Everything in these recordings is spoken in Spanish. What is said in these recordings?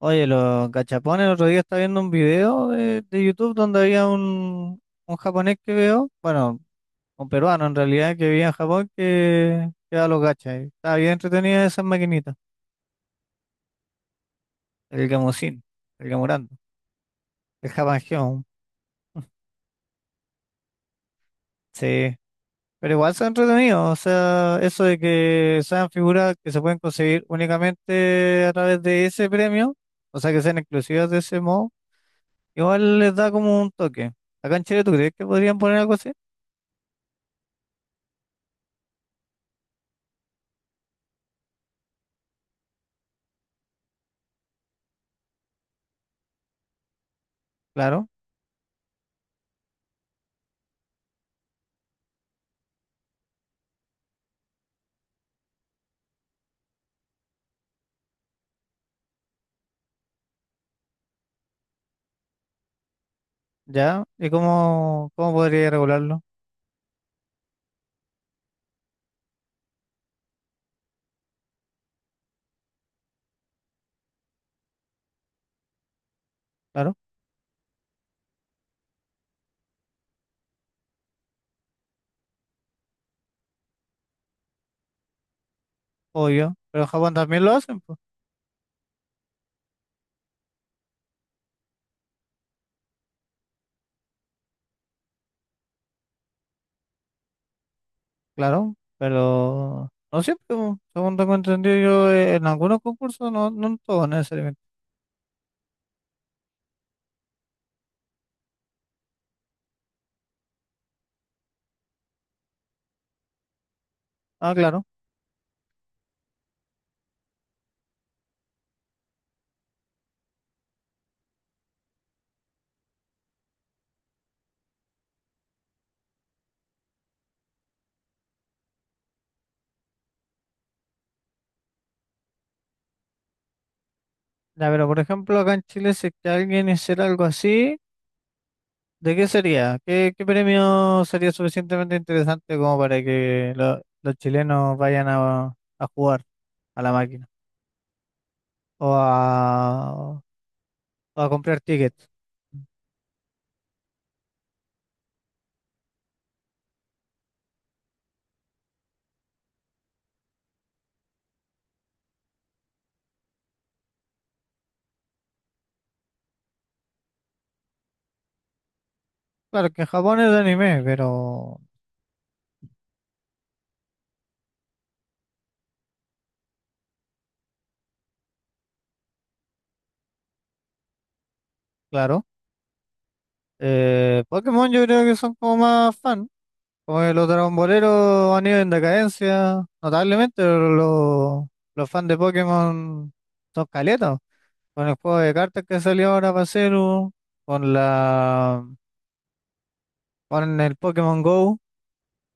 Oye, los gachapones, el otro día estaba viendo un video de YouTube donde había un japonés que veo, bueno, un peruano en realidad, que vivía en Japón, que daba los gachas. Y Estaba bien entretenida esas maquinitas, el gamusín, el gamurando, el japangeon, sí. Pero igual son entretenidos, o sea, eso de que sean figuras que se pueden conseguir únicamente a través de ese premio, o sea, que sean exclusivas de ese modo, igual les da como un toque. Acá en Chile, ¿tú crees que podrían poner algo así? Claro. ¿Ya? ¿Y cómo, cómo podría regularlo? Claro, obvio. Pero en Japón también lo hacen, pues, claro. Pero no siempre, pues, según tengo entendido yo, en algunos concursos, no, no en todos necesariamente. Ah, claro. Ya, pero por ejemplo, acá en Chile, si es que alguien hiciera algo así, ¿de qué sería? ¿Qué, qué premio sería suficientemente interesante como para que lo- los chilenos vayan a jugar a la máquina? O a, o a comprar tickets. Claro que en Japón es de anime, pero. Claro. Pokémon yo creo que son como más fan. Como que los Dragon Boleros han ido en decadencia, notablemente, pero los fans de Pokémon son caletas. Con el juego de cartas que salió ahora para Celu, con la, con el Pokémon Go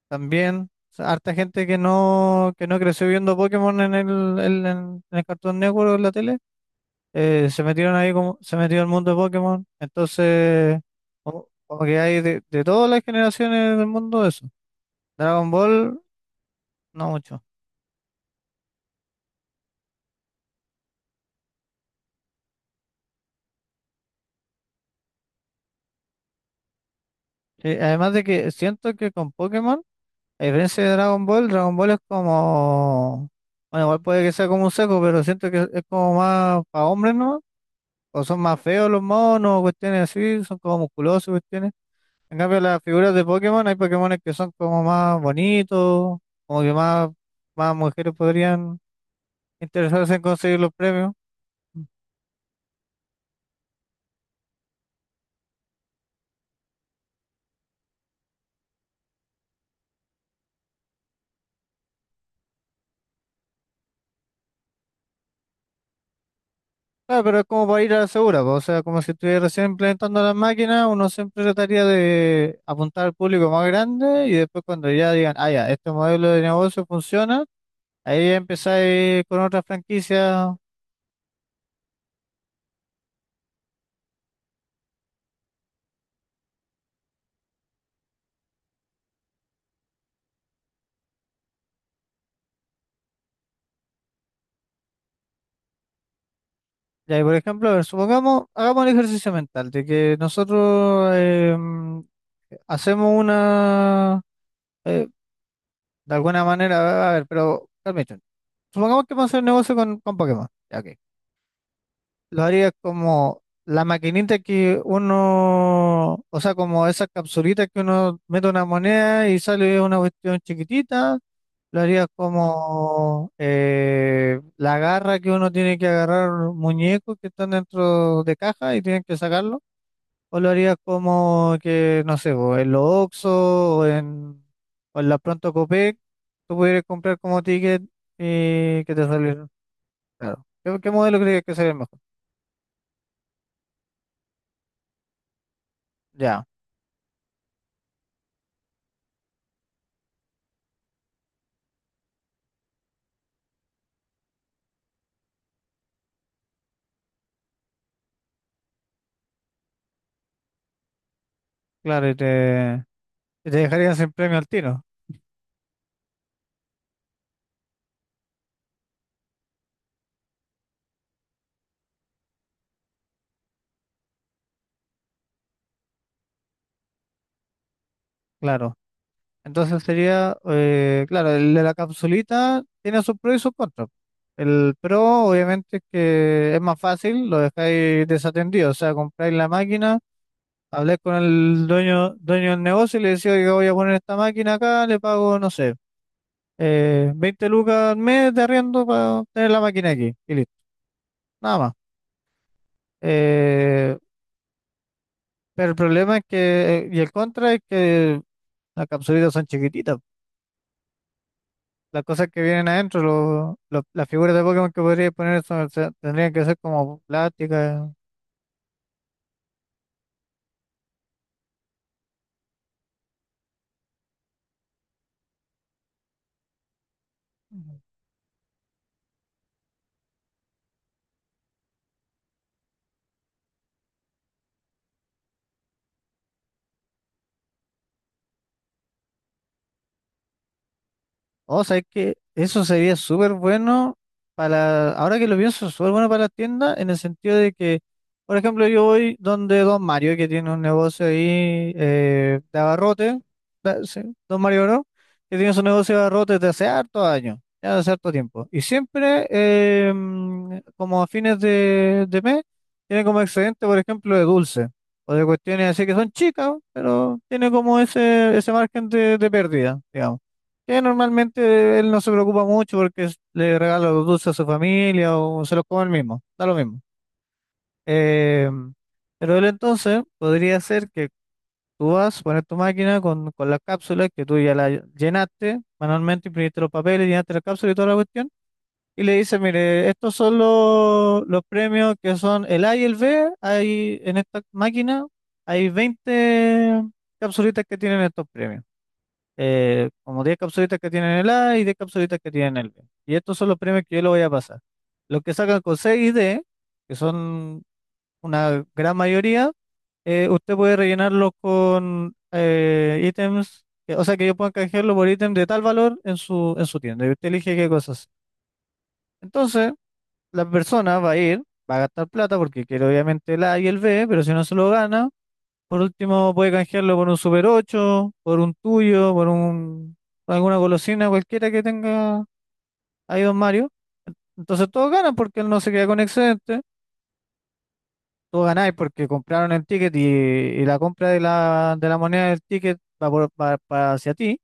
también. O sea, harta gente que no creció viendo Pokémon en el Cartoon Network o en la tele. Se metieron ahí como, se metió el mundo de Pokémon, entonces como, como que hay de todas las generaciones del mundo eso. Dragon Ball, no mucho. Sí, además de que siento que con Pokémon, a diferencia de Dragon Ball, Dragon Ball es como, bueno, igual puede que sea como un seco, pero siento que es como más para hombres, ¿no? O son más feos los monos, cuestiones así, son como musculosos, cuestiones. En cambio, las figuras de Pokémon, hay Pokémones que son como más bonitos, como que más, más mujeres podrían interesados en conseguir los premios. Claro, pero es como para ir a la segura, po. O sea, como si estuviera recién implementando las máquinas, uno siempre trataría de apuntar al público más grande y después cuando ya digan, ah, ya, este modelo de negocio funciona, ahí ya empezáis con otras franquicias. Ya, y por ejemplo, a ver, supongamos, hagamos el ejercicio mental de que nosotros hacemos una, eh, de alguna manera, a ver, pero permítanme, supongamos que vamos a hacer un negocio con Pokémon. Ya, ok. Lo haría como la maquinita que uno, o sea, como esas capsulitas que uno mete una moneda y sale una cuestión chiquitita. Lo haría como la garra que uno tiene que agarrar muñecos que están dentro de caja y tienen que sacarlo. O lo haría como que, no sé, vos, en los Oxxo o en la Pronto Copec, tú pudieras comprar como ticket y que te salieron claro. ¿Qué, qué modelo crees que sería el mejor? Ya. Claro, y te dejarían sin premio al tiro, claro. Entonces sería, claro, el de la capsulita tiene sus pros y sus contras. El pro, obviamente, es que es más fácil, lo dejáis desatendido, o sea, compráis la máquina, habláis con el dueño, dueño del negocio y le decís, oiga, voy a poner esta máquina acá, le pago, no sé, 20 lucas al mes de arriendo para tener la máquina aquí, y listo, nada más. Eh, pero el problema es que, y el contra es que las capsulitas son chiquititas. Las cosas que vienen adentro, lo- las figuras de Pokémon que podría poner son- o sea, tendrían que ser como plásticas. O sea, es que eso sería súper bueno para, ahora que lo pienso, súper bueno para las tiendas, en el sentido de que, por ejemplo, yo voy donde Don Mario, que tiene un negocio ahí de abarrote, da- sí, Don Mario Bro, que tiene su negocio de abarrotes desde hace hartos años, ya hace harto tiempo. Y siempre, como a fines de mes, tiene como excedente, por ejemplo, de dulce, o de cuestiones así que son chicas, pero tiene como ese margen de pérdida, digamos. Que normalmente él no se preocupa mucho porque es- le regala los dulces a su familia o se los come él mismo, da lo mismo. Eh, pero él entonces podría ser que tú vas, a poner tu máquina con las cápsulas que tú ya la llenaste manualmente, imprimiste los papeles, llenaste la cápsula y toda la cuestión, y le dices, mire, estos son los premios que son el A y el B, hay en esta máquina hay 20 capsulitas que tienen estos premios como 10 capsulitas que tienen el A y 10 capsulitas que tienen el B. Y estos son los premios que yo le voy a pasar. Los que sacan con 6 y D, que son una gran mayoría, usted puede rellenarlos con ítems, que- o sea que yo pueda canjearlo por ítem de tal valor en su tienda. Y usted elige qué cosas. Entonces, la persona va a ir, va a gastar plata porque quiere obviamente el A y el B, pero si no se lo gana, por último, puede canjearlo por un Super 8 por un tuyo, por un, alguna golosina cualquiera que tenga ahí Don Mario. Entonces todos ganan porque él no se queda con excedente. Todos ganáis porque compraron el ticket y la compra de la moneda del ticket va, por- va- va hacia ti.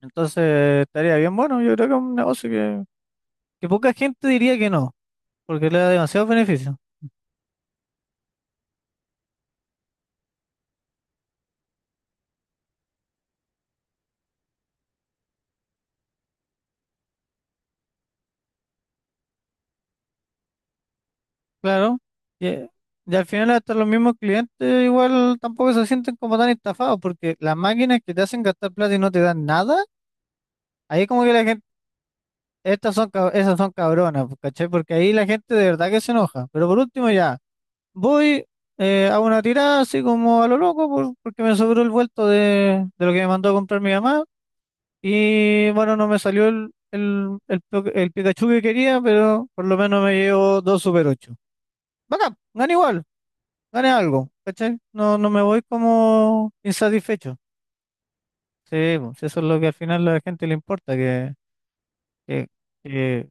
Entonces estaría bien bueno. Yo creo que es un negocio que poca gente diría que no, porque le da demasiados beneficios. Claro. Y, eh, y al final hasta los mismos clientes igual tampoco se sienten como tan estafados porque las máquinas que te hacen gastar plata y no te dan nada, ahí como que la gente, estas son, cab- esas son cabronas, pues, ¿cachai? Porque ahí la gente de verdad que se enoja. Pero por último ya, voy, hago una tirada así como a lo loco por- porque me sobró el vuelto de lo que me mandó a comprar mi mamá y bueno, no me salió el Pikachu que quería, pero por lo menos me llevo dos Super 8. Bacán, gané igual. Gané algo, ¿cachai? No, no me voy como insatisfecho. Sí, pues, eso es lo que al final a la gente le importa, que, que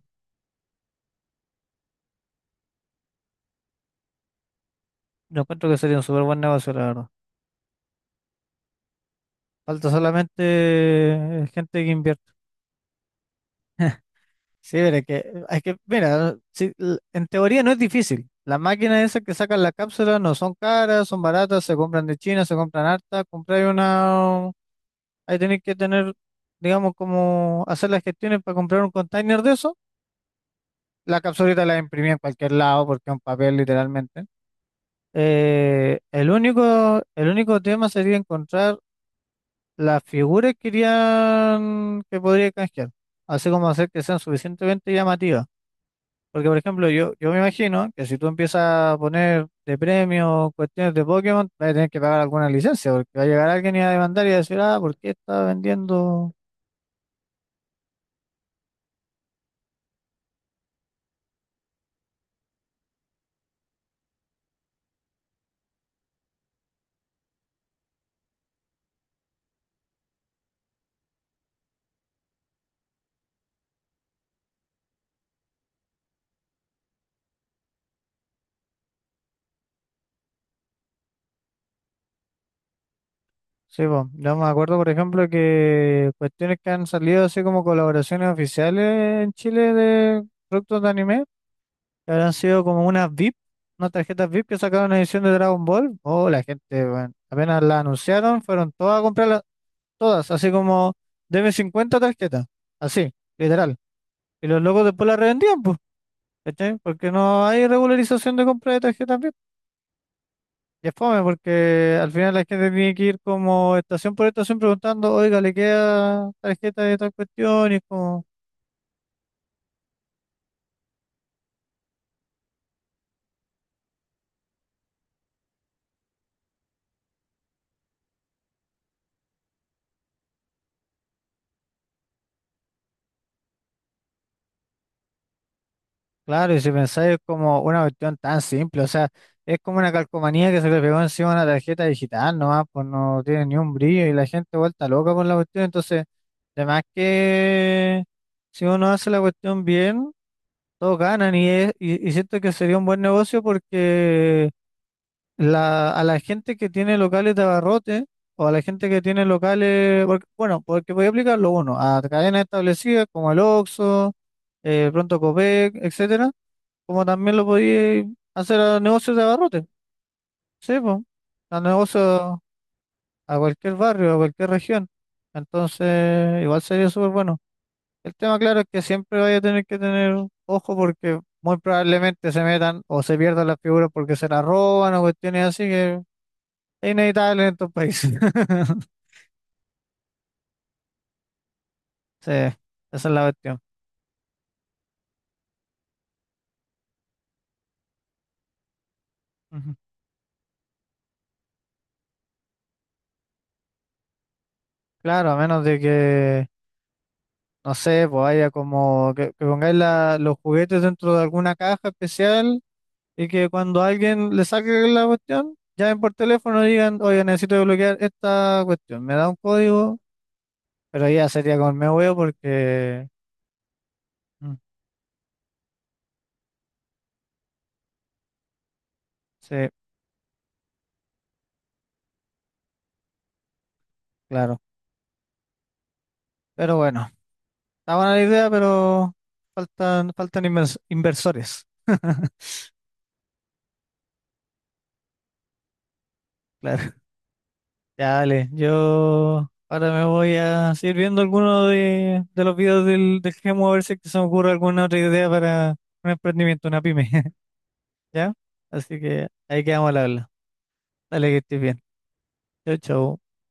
yo encuentro que sería un súper buen negocio, la verdad. Falta solamente gente que invierta. Sí, pero es que, mira, sí, l- en teoría no es difícil. Las máquinas esas que sacan la cápsula no son caras, son baratas, se compran de China, se compran harta. Comprar una, ahí tenés que tener, digamos, como hacer las gestiones para comprar un container de eso. La capsulita la imprimí en cualquier lado porque es un papel literalmente. El único, el único tema sería encontrar las figuras que querían que podría canjear. Así como hacer que sean suficientemente llamativas. Porque, por ejemplo, yo me imagino que si tú empiezas a poner de premio cuestiones de Pokémon, vas a tener que pagar alguna licencia, porque va a llegar alguien y va a demandar y va a decir, ah, ¿por qué está vendiendo? Sí, po. Yo me acuerdo, por ejemplo, que cuestiones que han salido así como colaboraciones oficiales en Chile de productos de anime, que habrán sido como unas VIP, unas tarjetas VIP que sacaron una edición de Dragon Ball. Oh, la gente, bueno, apenas la anunciaron, fueron todas a comprarlas, todas, así como, deme 50 tarjetas, así, literal. Y los locos después las revendían, pues, ¿cachai? Porque no hay regularización de compra de tarjetas. Y es fome porque al final la gente tiene que ir como estación por estación preguntando, oiga, ¿le queda tarjeta de tal cuestión? Y es como, claro, y si pensáis es como una cuestión tan simple, o sea, es como una calcomanía que se le pegó encima a una tarjeta digital nomás, pues no tiene ni un brillo y la gente vuelta loca con la cuestión, entonces, además que si uno hace la cuestión bien, todos ganan y, es- y siento que sería un buen negocio porque... La, a la gente que tiene locales de abarrote o a la gente que tiene locales, porque- bueno, porque voy a aplicarlo uno, a cadenas establecidas como el Oxxo, Pronto Copec, etcétera, como también lo podía hacer a negocios de abarrote, sí, po, a negocios a cualquier barrio, a cualquier región. Entonces, igual sería súper bueno. El tema, claro, es que siempre vaya a tener que tener ojo porque muy probablemente se metan o se pierdan las figuras porque se las roban o cuestiones así inevitable en estos países. Sí, esa es la cuestión. Ujú. Claro, a menos de que, no sé, pues haya como que pongáis la- los juguetes dentro de alguna caja especial y que cuando alguien le saque la cuestión, llamen por teléfono y digan, oye, necesito desbloquear esta cuestión, me da un código, pero ya sería con me huevo porque, mm, sí, claro. Pero bueno, está buena la idea, pero faltan, faltan invers- inversores. Claro. Ya, dale, yo ahora me voy a seguir viendo alguno de los videos del, del Gemu a ver si es que se me ocurre alguna otra idea para un emprendimiento, una pyme, ¿ya? Así que ahí quedamos al habla. Dale, que estés bien. Chau, chau.